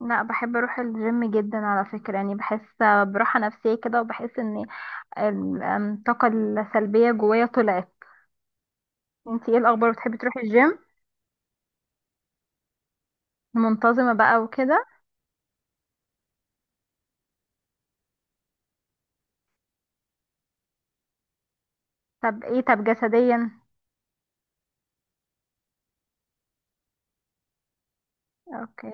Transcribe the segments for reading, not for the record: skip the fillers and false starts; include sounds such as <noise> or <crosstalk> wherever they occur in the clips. لا، بحب اروح الجيم جدا على فكرة. يعني بحس براحة نفسية كده، وبحس ان ال- أم، الطاقة السلبية جوايا طلعت. انتي ايه الاخبار، بتحبي تروحي الجيم؟ منتظمة بقى وكده؟ طب جسديا؟ اوكي.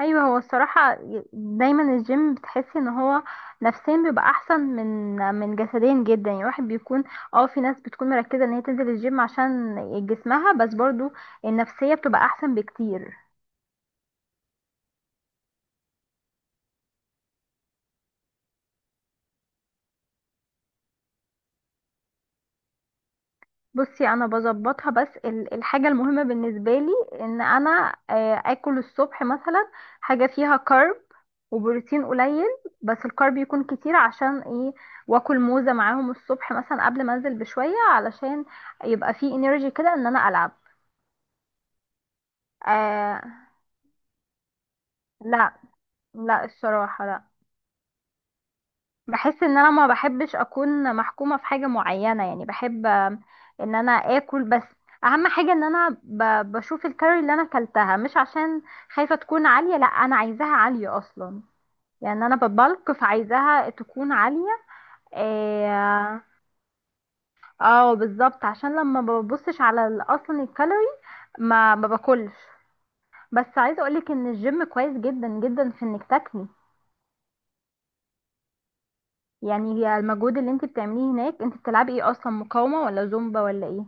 ايوه، هو الصراحة دايما الجيم بتحسي ان هو نفسيا بيبقى احسن من جسديا جدا. يعني الواحد بيكون، اه، في ناس بتكون مركزة ان هي تنزل الجيم عشان جسمها، بس برضو النفسية بتبقى احسن بكتير. بصي، انا بظبطها، بس الحاجه المهمه بالنسبه لي ان انا، اكل الصبح مثلا حاجه فيها كارب وبروتين قليل، بس الكارب يكون كتير، عشان ايه؟ واكل موزه معاهم الصبح مثلا قبل ما انزل بشويه، علشان يبقى فيه انرجي كده ان انا العب. آه. لا. لا الصراحه، لا. بحس ان انا ما بحبش اكون محكومة في حاجة معينة. يعني بحب ان انا اكل بس. اهم حاجة ان انا بشوف الكالوري اللي انا اكلتها، مش عشان خايفة تكون عالية، لا، انا عايزاها عالية اصلا. يعني انا ببلك، فعايزاها تكون عالية. اه. آه، بالظبط، عشان لما ما ببصش على اصلا الكالوري ما باكلش. بس عايزة اقولك ان الجيم كويس جدا جدا في انك تاكلي. يعني هي المجهود اللي انت بتعمليه هناك، انت بتلعبي ايه اصلا، مقاومة ولا زومبا ولا ايه؟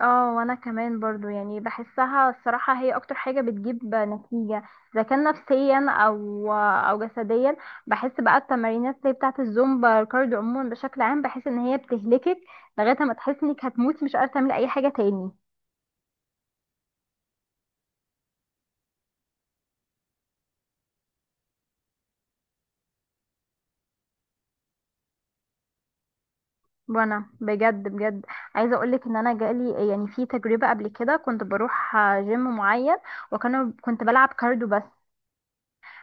اه، وانا كمان برضو يعني بحسها الصراحة هي اكتر حاجة بتجيب نتيجة، اذا كان نفسيا او جسديا. بحس بقى التمارينات زي بتاعة الزومبا الكارديو عموما بشكل عام، بحس ان هي بتهلكك لغاية ما تحس انك هتموتي، مش قادرة تعملي اي حاجة تاني. وانا بجد بجد عايزة اقولك ان انا جالي يعني في تجربة قبل كده، كنت بروح جيم معين وكانوا، كنت بلعب كارديو بس.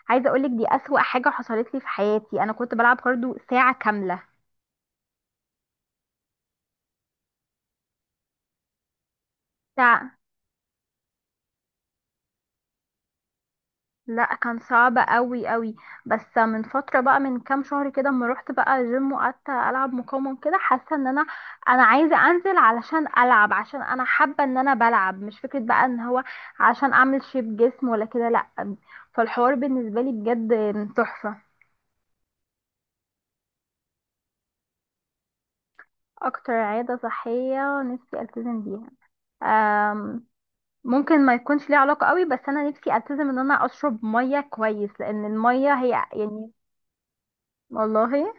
عايزة اقولك دي اسوأ حاجة حصلت لي في حياتي، انا كنت بلعب كارديو ساعة كاملة. لا، كان صعب قوي قوي. بس من فتره بقى، من كام شهر كده، اما رحت بقى جيم وقعدت العب مقاومه كده، حاسه ان انا، انا عايزه انزل علشان العب، عشان انا حابه ان انا بلعب، مش فكره بقى ان هو عشان اعمل شيب جسم ولا كده، لا. فالحوار بالنسبه لي بجد تحفه. اكتر عاده صحيه نفسي التزم بيها، أم، ممكن ما يكونش ليه علاقه قوي، بس انا نفسي التزم ان انا اشرب ميه كويس، لان الميه هي يعني. والله.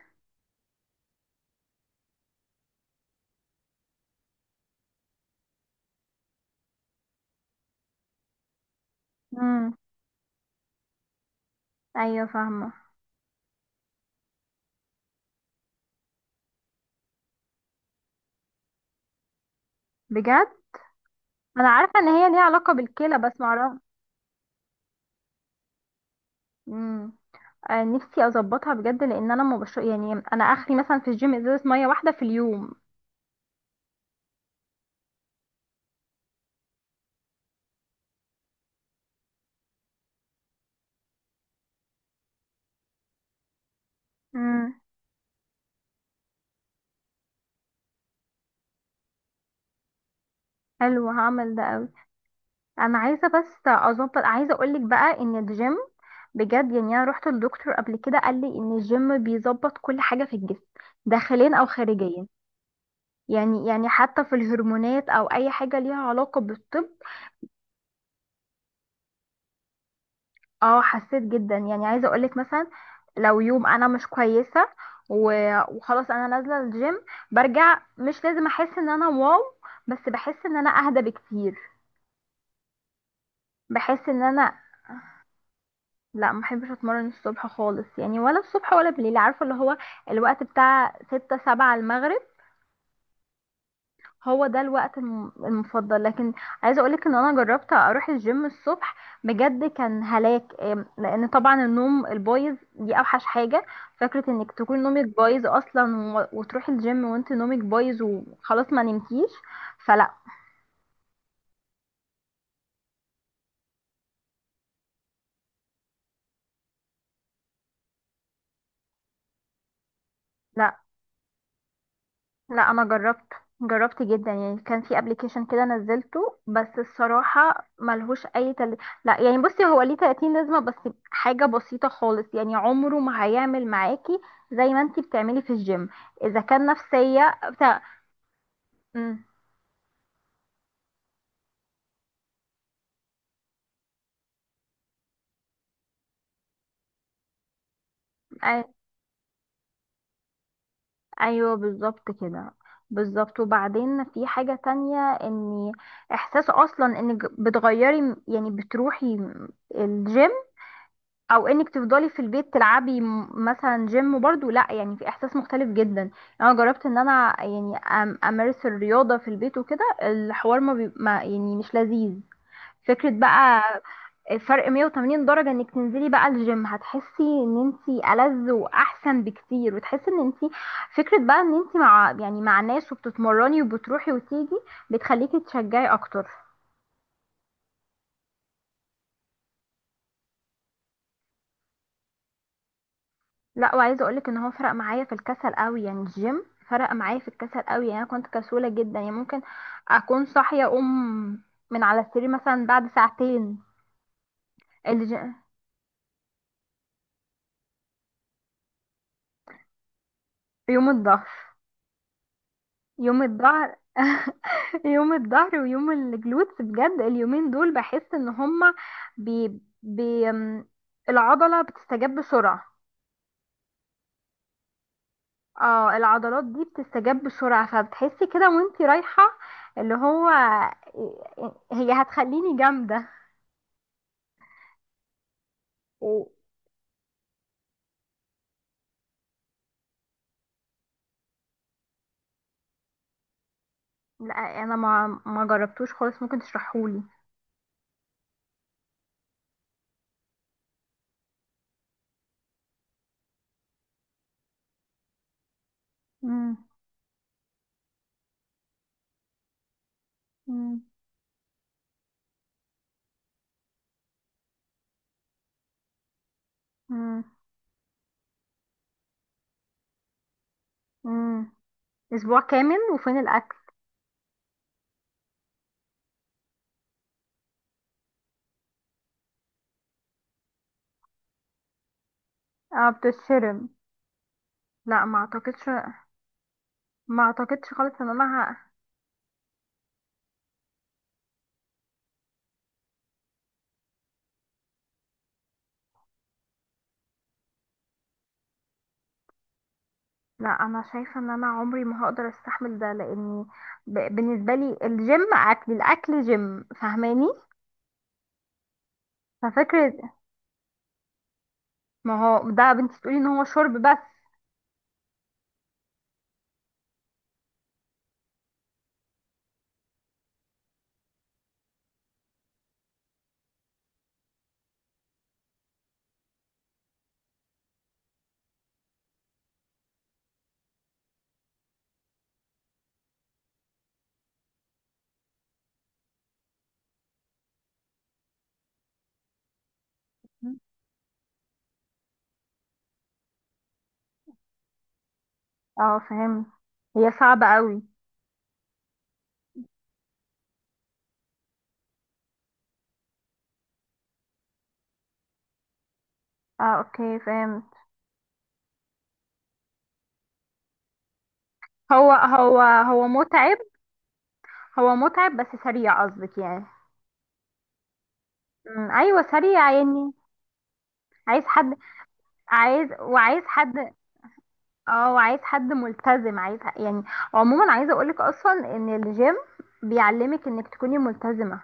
امم. ايوه، فاهمه. بجد. انا عارفه ان هي ليها علاقه بالكلى، بس معرفه. امم. آه، نفسي اظبطها بجد، لان انا ما بشرب. يعني انا اخري مثلا في الجيم ازازه ميه واحده في اليوم. امم. حلو، هعمل ده قوي. انا عايزه بس اظبط. عايزه اقولك بقى ان الجيم بجد، يعني انا رحت للدكتور قبل كده، قال لي ان الجيم بيظبط كل حاجه في الجسم، داخليا او خارجيا. يعني يعني حتى في الهرمونات او اي حاجه ليها علاقه بالطب. اه، حسيت جدا. يعني عايزه اقولك مثلا، لو يوم انا مش كويسه وخلاص انا نازله الجيم، برجع مش لازم احس ان انا واو، بس بحس ان انا اهدى بكتير. بحس ان انا، لا، ما بحبش اتمرن الصبح خالص. يعني ولا الصبح ولا بالليل، عارفه اللي هو الوقت بتاع ستة سبعة المغرب، هو ده الوقت المفضل. لكن عايزه اقولك ان انا جربت اروح الجيم الصبح، بجد كان هلاك. لان طبعا النوم البايظ دي اوحش حاجه. فكره انك تكون نومك بايظ اصلا، وتروحي الجيم وانت نومك بايظ وخلاص، ما نمتيش. فلا. لا، لا، انا جربت. جربت جدا، يعني كان في ابلكيشن كده نزلته، بس الصراحه ملهوش اي لا يعني بصي، هو ليه 30 لازمه بس، حاجه بسيطه خالص، يعني عمره ما هيعمل معاكي زي ما انتي بتعملي في الجيم، اذا كان نفسيه بتاع. مم. أي... ايوه بالظبط كده. بالظبط. وبعدين في حاجه تانية، ان احساس اصلا انك بتغيري، يعني بتروحي الجيم، او انك تفضلي في البيت تلعبي مثلا جيم برضو، لا يعني في احساس مختلف جدا. يعني انا جربت ان انا يعني امارس الرياضة في البيت وكده، الحوار ما يعني مش لذيذ فكرة بقى. فرق 180 درجة انك تنزلي بقى الجيم، هتحسي ان انتي ألذ واحسن بكتير، وتحسي ان انتي فكرة بقى ان انتي مع يعني مع ناس وبتتمرني وبتروحي وتيجي، بتخليكي تشجعي اكتر. لا، وعايزه اقولك ان هو فرق معايا في الكسل قوي. يعني الجيم فرق معايا في الكسل قوي، يعني انا كنت كسوله جدا، يعني ممكن اكون صاحيه اقوم من على السرير مثلا بعد ساعتين. الج... يوم الظهر. يوم الظهر <laughs> يوم الظهر ويوم الجلوتس، بجد اليومين دول بحس ان هما بي... بي... ام العضله بتستجاب بسرعه. اه، العضلات دي بتستجاب بسرعه، فبتحسي كده وانتي رايحه اللي هو هي هتخليني جامده و... لا انا ما جربتوش خالص، ممكن تشرحهولي. مم. مم. مم. مم. اسبوع كامل وفين الاكل؟ اه بتتشرم. لا، ما اعتقدش. ما اعتقدش خالص ان انا لا انا شايفه ان انا عمري ما هقدر استحمل ده، لاني بالنسبه لي الجيم اكل، الاكل جيم، فاهماني؟ ففكره. ما هو ده يا بنتي تقولي ان هو شرب بس. اه فهمت. هي صعبه قوي. اه اوكي فهمت. هو متعب. هو متعب، بس سريع قصدك يعني. ايوه سريع يعني. عايز حد. عايز، وعايز حد. اه، وعايز حد ملتزم، عايز يعني. عموما عايزه اقولك اصلا ان الجيم بيعلمك انك تكوني ملتزمه.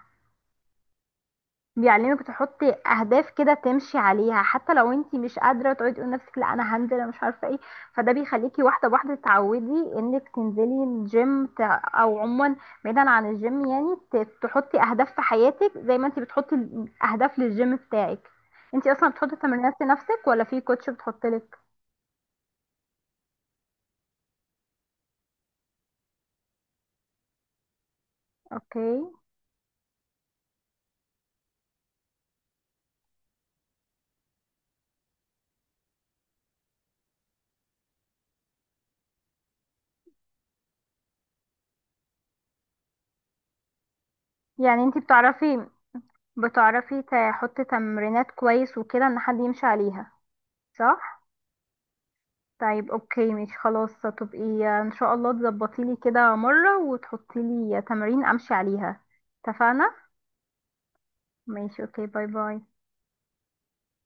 بيعلمك تحطي اهداف كده تمشي عليها، حتى لو انت مش قادره، تقعدي تقولي لنفسك لا انا هنزل، انا مش عارفه ايه. فده بيخليكي واحده بواحده تعودي انك تنزلي الجيم او عموما، بعيدا عن الجيم يعني تحطي اهداف في حياتك، زي ما انت بتحطي اهداف للجيم بتاعك. انت اصلا بتحطي تمرينات لنفسك ولا في كوتش بتحطلك؟ اوكي. يعني انت بتعرفي، بتعرفي تحطي تمرينات كويس وكده ان حد يمشي عليها، صح؟ طيب اوكي، مش خلاص، هتبقي ان شاء الله تظبطي لي كده مرة وتحطي لي تمارين امشي عليها، اتفقنا؟ ماشي، اوكي، باي باي.